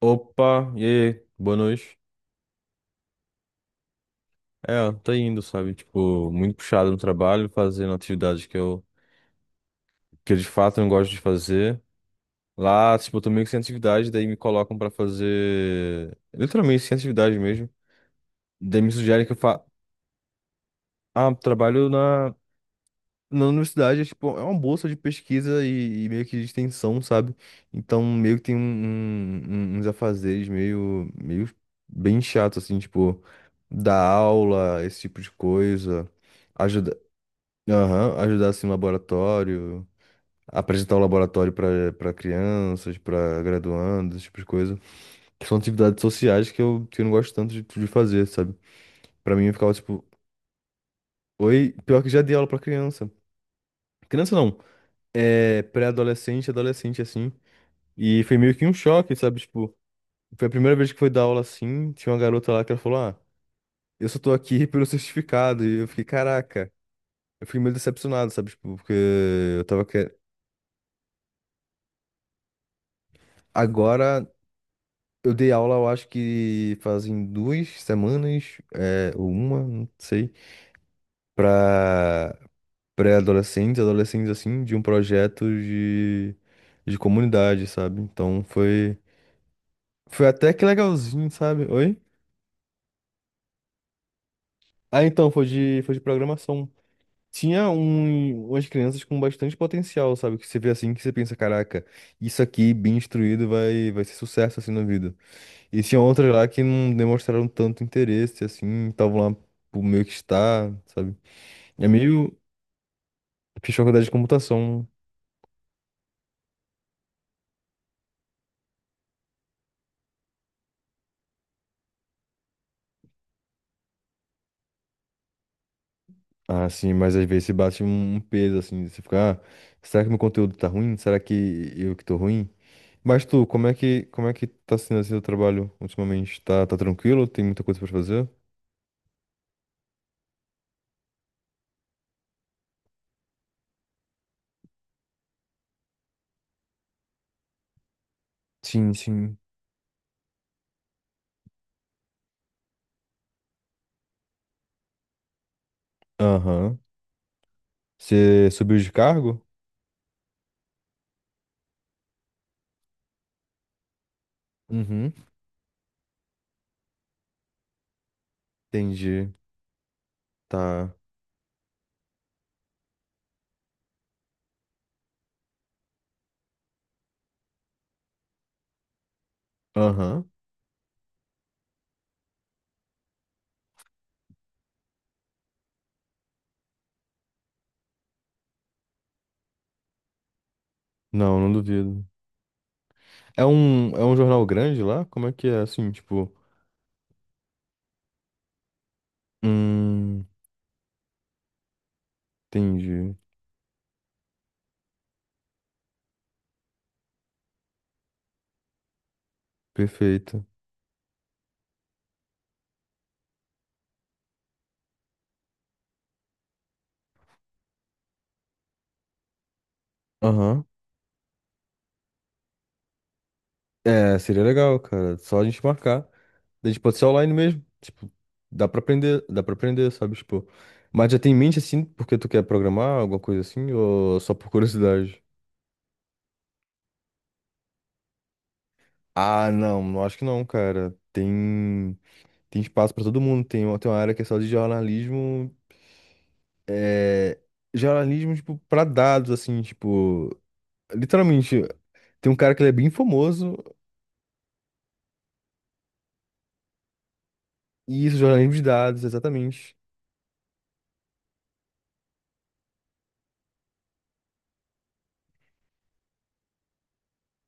Opa, e aí, boa noite. É, tá indo, sabe? Tipo, muito puxado no trabalho, fazendo atividades que eu de fato não gosto de fazer. Lá, tipo, eu tô meio que sem atividade, daí me colocam pra fazer. Literalmente sem atividade mesmo. Daí me sugerem que eu fa... Ah, trabalho na. Na universidade, é, tipo, é uma bolsa de pesquisa e meio que de extensão, sabe? Então, meio que tem uns afazeres meio bem chato, assim, tipo, dar aula, esse tipo de coisa, ajudar, aham, ajudar, assim, no laboratório, apresentar o laboratório para crianças, para graduandos, esse tipo de coisa. Que são atividades sociais que eu não gosto tanto de fazer, sabe? Pra mim, eu ficava, tipo, oi, pior que já dei aula pra criança. Criança não. É, pré-adolescente, adolescente, assim. E foi meio que um choque, sabe? Tipo, foi a primeira vez que foi dar aula assim. Tinha uma garota lá que ela falou: Ah, eu só tô aqui pelo certificado. E eu fiquei, caraca. Eu fiquei meio decepcionado, sabe? Tipo, porque eu tava querendo. Agora, eu dei aula, eu acho que fazem duas semanas, é, ou uma, não sei, pra pré-adolescentes, adolescentes, assim, de um projeto de comunidade, sabe? Então foi. Foi até que legalzinho, sabe? Oi? Ah, então, foi de programação. Tinha umas crianças com bastante potencial, sabe? Que você vê assim, que você pensa, caraca, isso aqui, bem instruído, vai ser sucesso, assim, na vida. E tinha outras lá que não demonstraram tanto interesse, assim, estavam lá por meio que estar, sabe? É meio... Fiz faculdade de computação. Ah, sim, mas às vezes bate um peso, assim, você fica, ah, será que meu conteúdo tá ruim? Será que eu que tô ruim? Mas tu, como é que tá sendo assim o trabalho ultimamente? Tá, tá tranquilo? Tem muita coisa pra fazer? Sim, sim. Aham. Você subiu de cargo? Uhum. Entendi. Tá. Aham. Não, não duvido. É um jornal grande lá? Como é que é? Assim, tipo. Hum, entendi. Perfeito. Aham. É, seria legal, cara. Só a gente marcar. A gente pode ser online mesmo. Tipo, dá pra aprender, sabe? Tipo. Mas já tem em mente assim, porque tu quer programar, alguma coisa assim, ou só por curiosidade? Ah, não, não acho que não, cara. Tem. Tem espaço para todo mundo. Tem uma área que é só de jornalismo. É, jornalismo, tipo, para dados, assim, tipo. Literalmente, tem um cara que ele é bem famoso. E isso, jornalismo de dados, exatamente.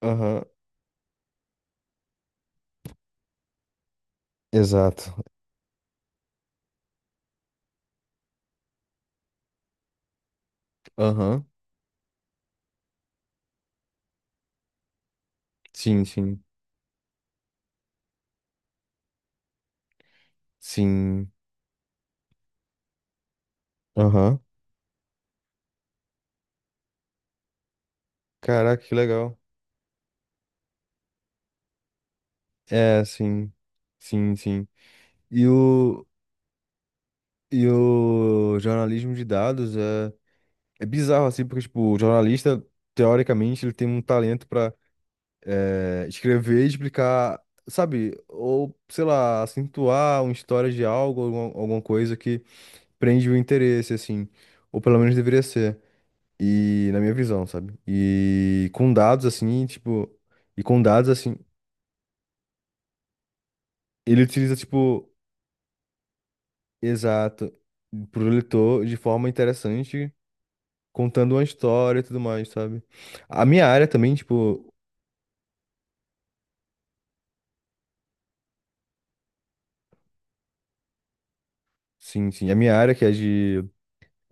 Aham. Exato. Aham. Sim, sim. Sim. Aham. Caraca, que legal. É, sim. Sim, sim. E o, e o jornalismo de dados é, é bizarro, assim, porque, tipo, o jornalista, teoricamente, ele tem um talento para é, escrever e explicar, sabe? Ou, sei lá, acentuar uma história de algo, alguma coisa que prende o interesse, assim. Ou pelo menos deveria ser. E na minha visão, sabe? E com dados, assim, tipo. E com dados, assim, ele utiliza, tipo, exato, pro leitor de forma interessante, contando uma história e tudo mais, sabe? A minha área também, tipo. Sim, sim. A minha área, que é de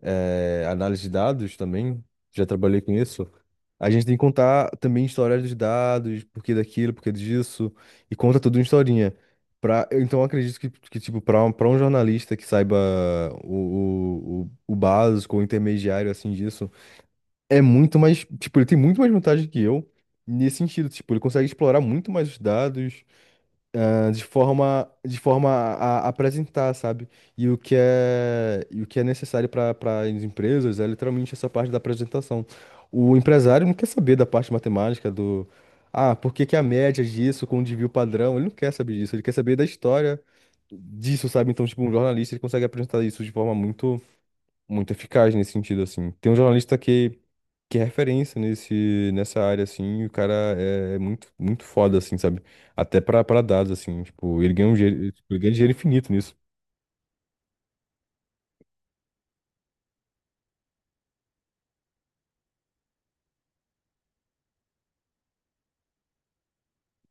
é, análise de dados também, já trabalhei com isso. A gente tem que contar também história dos dados, por que daquilo, por que disso, e conta tudo uma historinha. Pra, eu, então, eu acredito que tipo, para um jornalista que saiba o básico, o intermediário, assim, disso, é muito mais, tipo, ele tem muito mais vantagem que eu nesse sentido, tipo, ele consegue explorar muito mais os dados, ah, de forma a apresentar, sabe? E o que é necessário para as empresas é literalmente essa parte da apresentação. O empresário não quer saber da parte matemática do, ah, por que que a média disso com o desvio padrão? Ele não quer saber disso, ele quer saber da história disso, sabe? Então, tipo, um jornalista ele consegue apresentar isso de forma muito eficaz nesse sentido, assim. Tem um jornalista que é referência nessa área, assim, e o cara é, é muito, muito foda, assim, sabe? Até pra dados, assim, tipo, ele ganha um dinheiro, tipo, ele ganha dinheiro infinito nisso.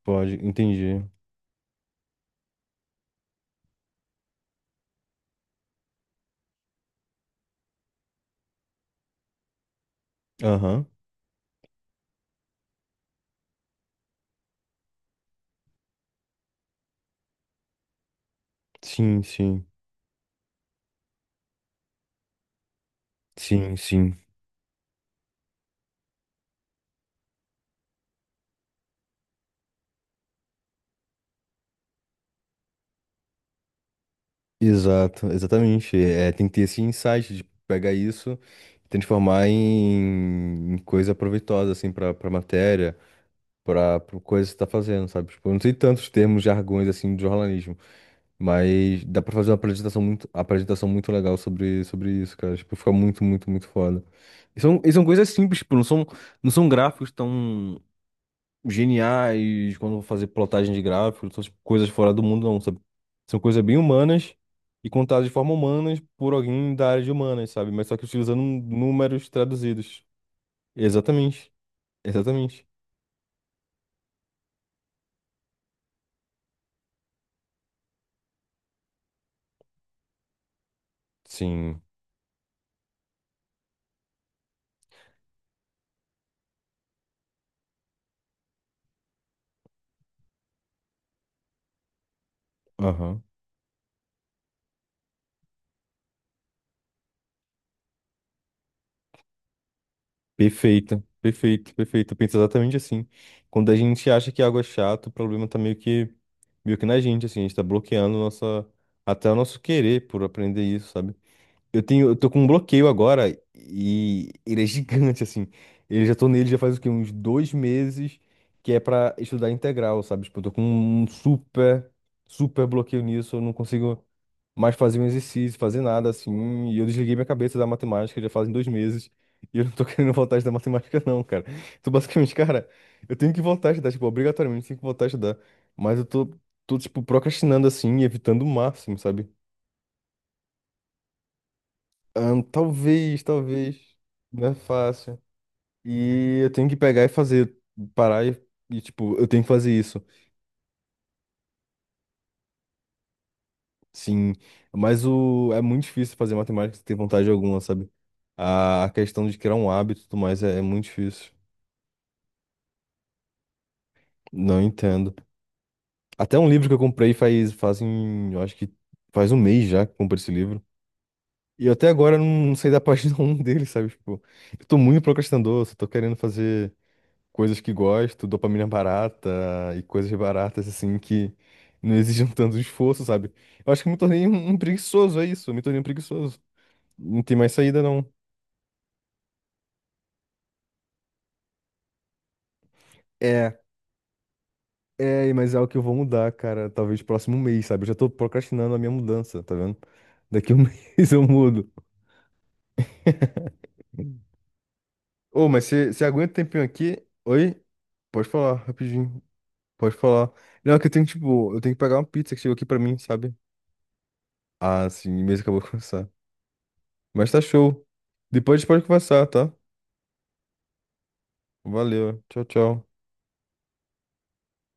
Pode, entendi. Aham. Sim, sim. Sim, sim. Exato, exatamente. É, tem que ter esse insight de pegar isso e transformar em coisa proveitosa, assim, pra matéria, pra coisa que você tá fazendo, sabe? Tipo, eu não sei tantos termos, jargões, assim, de jornalismo. Mas dá pra fazer uma apresentação muito legal sobre isso, cara. Tipo, fica muito, muito, muito foda. E são coisas simples, tipo, não são gráficos tão geniais quando eu vou fazer plotagem de gráficos, são tipo, coisas fora do mundo, não, sabe? São coisas bem humanas e contadas de forma humanas por alguém da área de humanas, sabe? Mas só que utilizando números traduzidos. Exatamente, exatamente. Sim, aham. Perfeito, perfeito, perfeito. Eu penso exatamente assim. Quando a gente acha que algo é chato, o problema tá meio que na gente, assim, a gente tá bloqueando nossa, até o nosso querer por aprender isso, sabe? Eu tô com um bloqueio agora e ele é gigante, assim. Eu já tô nele já faz o quê? Uns dois meses, que é pra estudar integral, sabe? Tipo, eu tô com um super bloqueio nisso. Eu não consigo mais fazer um exercício, fazer nada, assim. E eu desliguei minha cabeça da matemática já fazem dois meses. E eu não tô querendo voltar a estudar matemática, não, cara. Então, basicamente, cara, eu tenho que voltar a estudar, tipo, obrigatoriamente tenho que voltar a estudar. Mas tô tipo, procrastinando, assim, e evitando o máximo, sabe? Ah, talvez, talvez. Não é fácil. E eu tenho que pegar e fazer, parar e, tipo, eu tenho que fazer isso. Sim, mas o é muito difícil fazer matemática sem ter vontade alguma, sabe? A questão de criar um hábito e tudo mais é muito difícil. Não entendo. Até um livro que eu comprei faz, fazem, eu acho que faz um mês já que eu comprei esse livro. E eu até agora não saí da página um dele, sabe? Tipo, eu tô muito procrastinador, só tô querendo fazer. Coisas que gosto, dopamina barata e coisas baratas assim que não exigem tanto esforço, sabe? Eu acho que eu me tornei um preguiçoso, é isso, eu me tornei um preguiçoso. Não tem mais saída, não. É, é, mas é algo que eu vou mudar, cara, talvez próximo mês, sabe? Eu já tô procrastinando a minha mudança, tá vendo? Daqui a um mês eu mudo. Ô, mas você aguenta um tempinho aqui? Oi? Pode falar, rapidinho. Pode falar. Não, é que eu tenho, tipo, eu tenho que pegar uma pizza que chegou aqui pra mim, sabe? Ah, sim, mesmo acabou de começar. Mas tá show. Depois a gente pode conversar, tá? Valeu. Tchau, tchau.